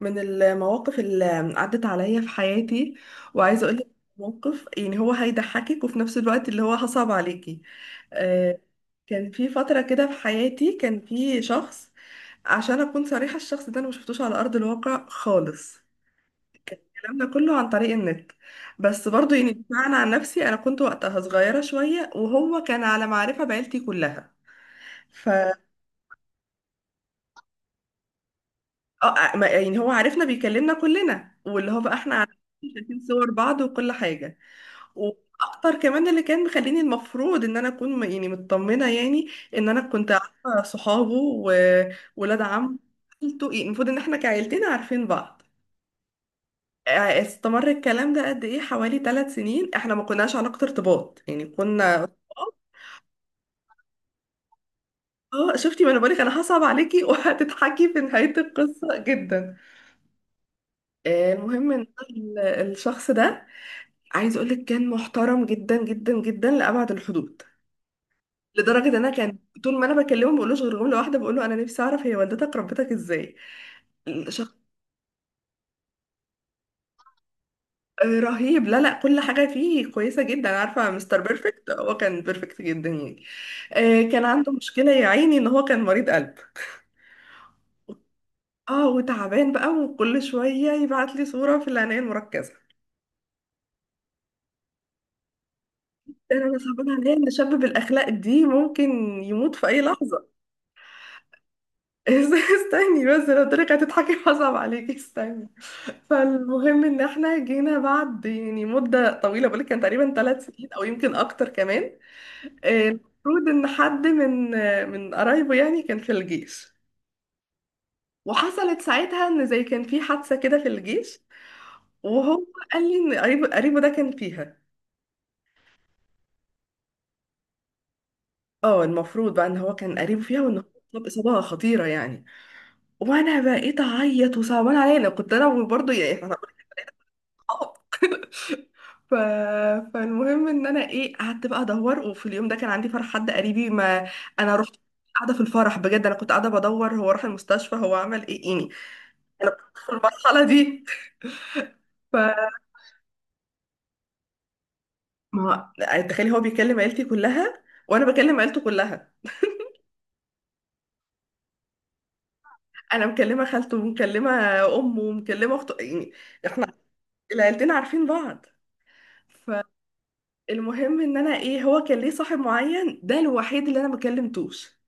من المواقف اللي عدت عليا في حياتي، وعايزه اقول لك موقف يعني هو هيضحكك وفي نفس الوقت اللي هو هصعب عليكي. آه، كان في فتره كده في حياتي، كان في شخص، عشان اكون صريحه. الشخص ده انا ما شفتوش على ارض الواقع خالص. الكلام ده كله عن طريق النت، بس برضو يعني بمعنى عن نفسي انا كنت وقتها صغيره شويه، وهو كان على معرفه بعيلتي كلها. ف آه، آه، ما- يعني هو عارفنا، بيكلمنا كلنا واللي هو بقى احنا عارفين، شايفين صور بعض وكل حاجه. واكتر كمان اللي كان مخليني، المفروض ان انا اكون يعني مطمنه يعني، ان انا كنت عارفه صحابه وولاد عم عيلته، يعني المفروض ان احنا كعيلتنا عارفين بعض. استمر الكلام ده قد ايه، حوالي 3 سنين. احنا ما كناش علاقه ارتباط يعني، كنا. اه، شفتي؟ ما انا بقولك انا هصعب عليكي وهتضحكي في نهايه القصه جدا. المهم ان الشخص ده، عايز اقولك، كان محترم جدا جدا جدا لابعد الحدود. لدرجه ان انا كان طول ما انا بكلمه ما بقولوش غير جمله واحده، بقول له: انا نفسي اعرف هي والدتك ربتك ازاي؟ شخص رهيب، لا لا، كل حاجة فيه كويسة جدا، عارفة، مستر بيرفكت، هو كان بيرفكت جدا يعني. كان عنده مشكلة يا عيني، ان هو كان مريض قلب. اه، وتعبان بقى، وكل شوية يبعت لي صورة في العناية المركزة. انا صعبان عليا ان شاب بالاخلاق دي ممكن يموت في اي لحظة. استني بس، لو طريقة هتضحكي هصعب عليكي، استني. فالمهم ان احنا جينا بعد يعني مدة طويلة، بقولك كان تقريبا 3 سنين او يمكن اكتر كمان. المفروض ان حد من من قرايبه يعني كان في الجيش. وحصلت ساعتها ان زي كان في حادثة كده في الجيش، وهو قال لي ان قريبه ده كان فيها. اه، المفروض بقى ان هو كان قريبه فيها، وان هو اتصاب اصابة خطيرة يعني. وانا بقيت اعيط، وصعبان عليا، انا كنت انا برضه يعني اه. ف... فالمهم ان انا ايه قعدت بقى ادور، وفي اليوم ده كان عندي فرح حد قريبي، ما انا رحت. قاعده في الفرح بجد، انا كنت قاعده بدور هو راح المستشفى، هو عمل ايه يعني. انا كنت في المرحله دي. فما يعني تخيلي، هو بيكلم عيلتي كلها، وانا بكلم عيلته كلها. انا مكلمه خالته، ومكلمه امه، ومكلمه اخته يعني، العيلتين عارفين بعض. فالمهم ان انا ايه، هو كان ليه صاحب معين، ده الوحيد اللي انا ما كلمتوش.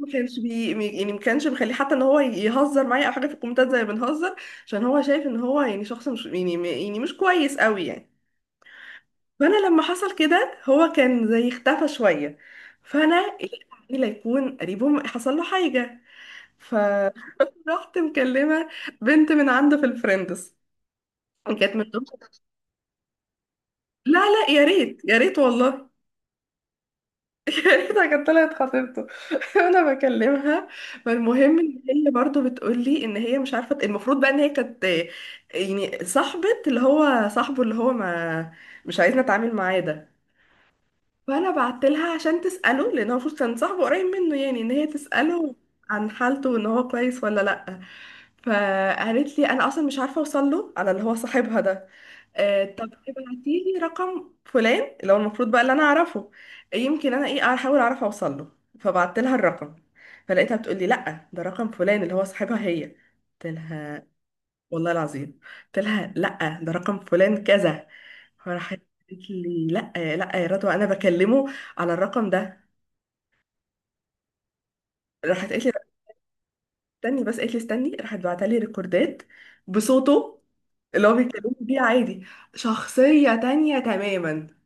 ما كانش يعني، ما كانش مخليه حتى ان هو يهزر معايا او حاجه في الكومنتات، زي ما بنهزر. عشان هو شايف ان هو يعني شخص مش يعني يعني مش كويس قوي يعني. فانا لما حصل كده، هو كان زي اختفى شويه. فانا لقيت عمي لا يكون قريبه حصل له حاجه، فرحت مكلمه بنت من عنده في الفريندز، كانت لا لا، يا ريت يا ريت والله، لقيتها كانت طلعت خطيبته وانا بكلمها. فالمهم ان هي برضو بتقول لي ان هي مش عارفه. المفروض بقى ان هي كانت يعني صاحبه، اللي هو صاحبه اللي هو ما مش عايزنا اتعامل معاه ده. فانا بعت لها عشان تساله، لان هو المفروض كان صاحبه قريب منه، يعني ان هي تساله عن حالته، وان هو كويس ولا لا. فقالت لي: انا اصلا مش عارفه اوصل له على اللي هو صاحبها ده. آه، طب ابعتي لي رقم فلان اللي هو المفروض بقى اللي انا اعرفه، يمكن انا ايه احاول اعرف اوصل له. فبعت لها الرقم. فلقيتها بتقول لي: لا، ده رقم فلان اللي هو صاحبها هي. قلت لها: والله العظيم قلت لها لا ده رقم فلان كذا. فراحت قالت لي: لا لا يا رضوى، انا بكلمه على الرقم ده. راحت قالت لي: "لا، استني بس". قالت لي استني، راحت بعتلي لي ريكوردات بصوته اللي هو بيتكلم بيه عادي. شخصية تانية تماما.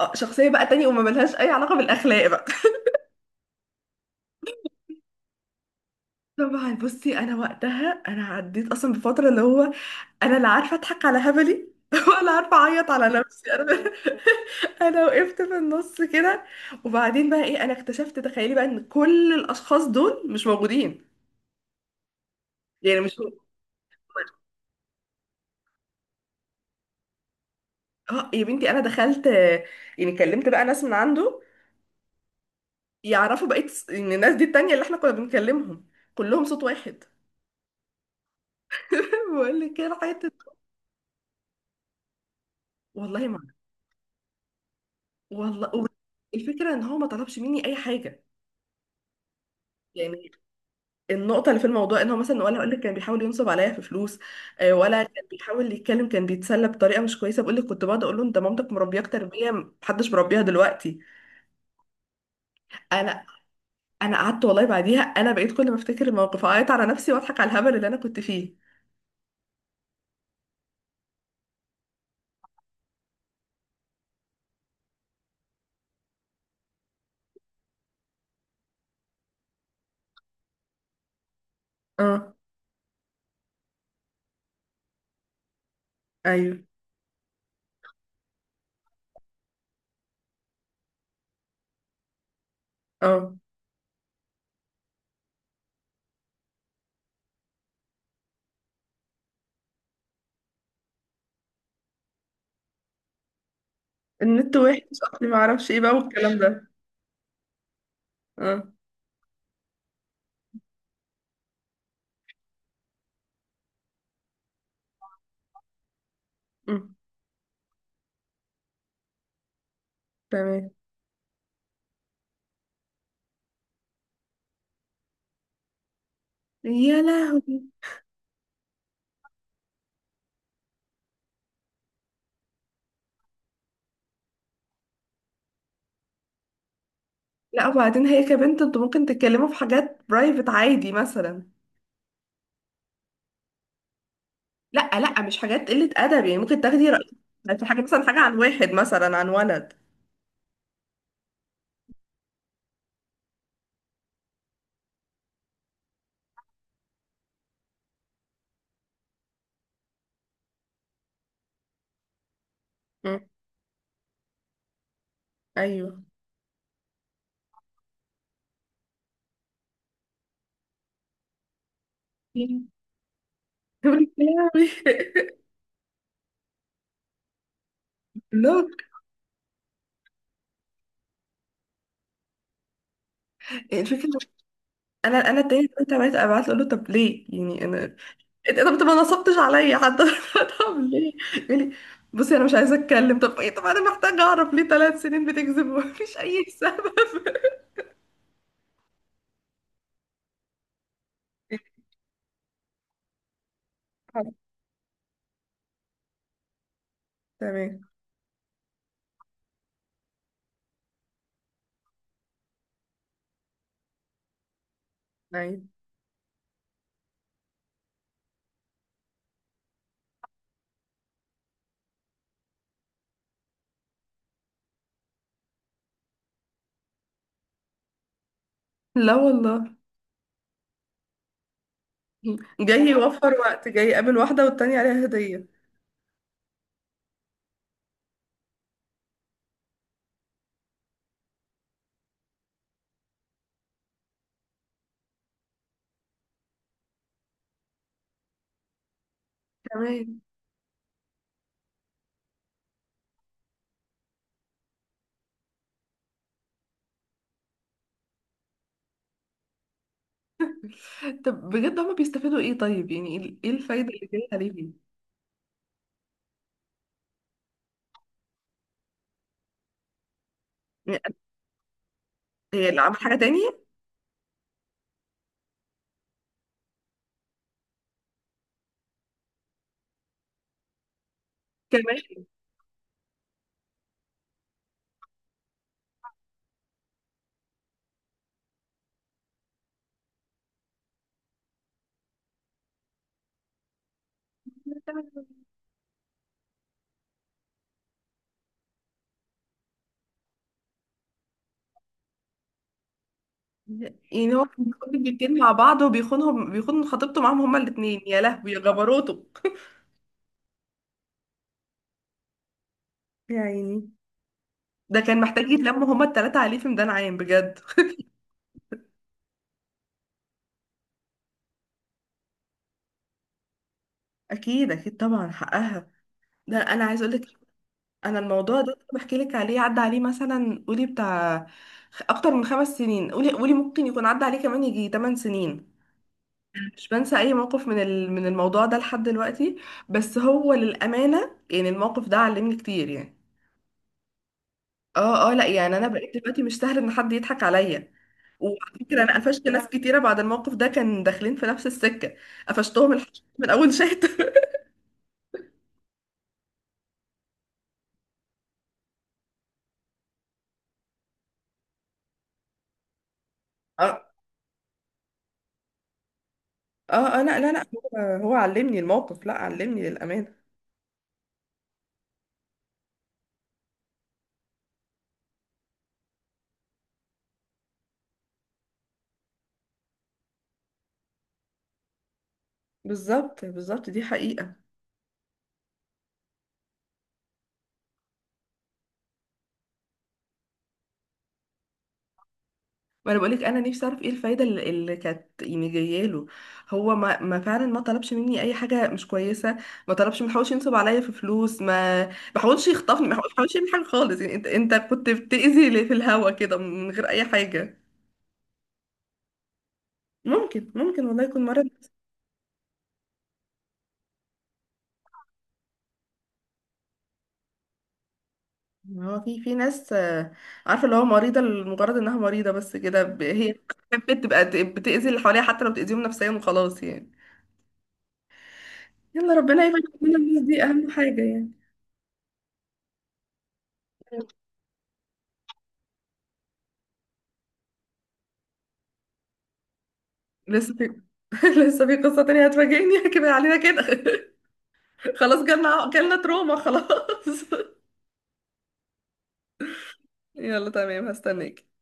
شخصية بقى تانية، وما ملهاش أي علاقة بالأخلاق بقى. طبعا، بصي، أنا وقتها أنا عديت أصلا بفترة اللي هو، انا لا عارفه اضحك على هبلي ولا عارفه اعيط على نفسي انا. انا وقفت في النص كده، وبعدين بقى ايه، انا اكتشفت تخيلي بقى ان كل الاشخاص دول مش موجودين. يعني مش. اه، يا بنتي، انا دخلت يعني كلمت بقى ناس من عنده يعرفوا. بقيت ان الناس دي التانية اللي احنا كنا بنكلمهم كلهم صوت واحد. بقول لك كده حته. والله ما، والله، الفكره ان هو ما طلبش مني اي حاجه يعني. النقطة اللي في الموضوع ان هو مثلا، ولا اقول لك، كان بيحاول ينصب عليا في فلوس. ولا كان بيحاول يتكلم، كان بيتسلى بطريقة مش كويسة. بقول لك كنت بقعد اقول له: انت مامتك مربياك تربية محدش مربيها دلوقتي. انا انا قعدت والله بعديها، انا بقيت كل ما افتكر الموقف اعيط على نفسي واضحك على الهبل اللي انا كنت فيه. اه، ايوه، اه. النت وحش اصلي، ما اعرفش ايه بقى والكلام ده. اه. أمم، تمام. يا لهوي. لا، وبعدين هي كبنت انتوا ممكن تتكلموا في حاجات برايفت عادي مثلا. لا لا، مش حاجات قلة أدب يعني، ممكن تاخدي رأي في حاجة، مثلا حاجة عن واحد، مثلا عن ولد. مم. أيوه. يا لهوي. لا. الفكرة، أنا التاني كنت عملت أبعت له أقول له: طب ليه يعني أنا؟ إيه ده، طب أنت ما نصبتش عليا حتى؟ طب ليه يقول لي: بصي، أنا مش عايزة أتكلم. طب إيه؟ طب أنا محتاجة أعرف، ليه 3 سنين بتكذب ومفيش أي سبب؟ تمام. أيوه. لا والله، جاي يوفر وقت، جاي يقابل واحدة والتانية عليها هدية. تمام. طب بجد هما بيستفادوا ايه طيب؟ يعني ايه، إيه الفايدة اللي جاية عليهم؟ يعني هي اللي عمل حاجة تانية؟ كمان. يعني هو كان بيخون البنتين مع بعض، وبيخونهم، بيخون خطيبته معاهم هما الاتنين. يا لهوي يا جبروته. يا عيني. ده كان محتاج يتلموا هما التلاتة عليه في ميدان عام بجد. اكيد اكيد طبعا حقها. ده انا عايز اقول لك، انا الموضوع ده بحكي لك عليه عدى عليه مثلا، قولي بتاع اكتر من 5 سنين، قولي قولي ممكن يكون عدى عليه كمان يجي 8 سنين. مش بنسى اي موقف من من الموضوع ده لحد دلوقتي. بس هو للامانه يعني، الموقف ده علمني كتير يعني. اه اه، لا يعني، انا بقيت دلوقتي مش سهل ان حد يضحك عليا. وعلى فكره، انا قفشت ناس كتيره بعد الموقف ده كان داخلين في نفس السكه. قفشتهم الحش من اول شات. اه اه. لا لا لا، هو هو علمني الموقف، لا علمني للامانه. بالظبط بالظبط، دي حقيقه. ما انا بقولك، انا نفسي اعرف ايه الفايده اللي كانت يعني جايه له. هو ما فعلا ما طلبش مني اي حاجه مش كويسه. ما طلبش، ما حاولش ينصب عليا في فلوس، ما حاولش يخطفني، ما حاولش يعمل حاجه خالص يعني. انت كنت بتاذي لي في الهوا كده من غير اي حاجه. ممكن ممكن، والله يكون مرض. هو في في ناس عارفه اللي هو مريضه لمجرد انها مريضه بس كده، هي بتبقى بتاذي اللي حواليها، حتى لو بتاذيهم نفسيا، وخلاص يعني. يلا، ربنا يبعد عننا الناس دي، اهم حاجه يعني. بس لسه في قصة تانية هتفاجئني؟ كفاية علينا كده. خلاص، جالنا جالنا تروما، خلاص. يلا تمام، هستناك.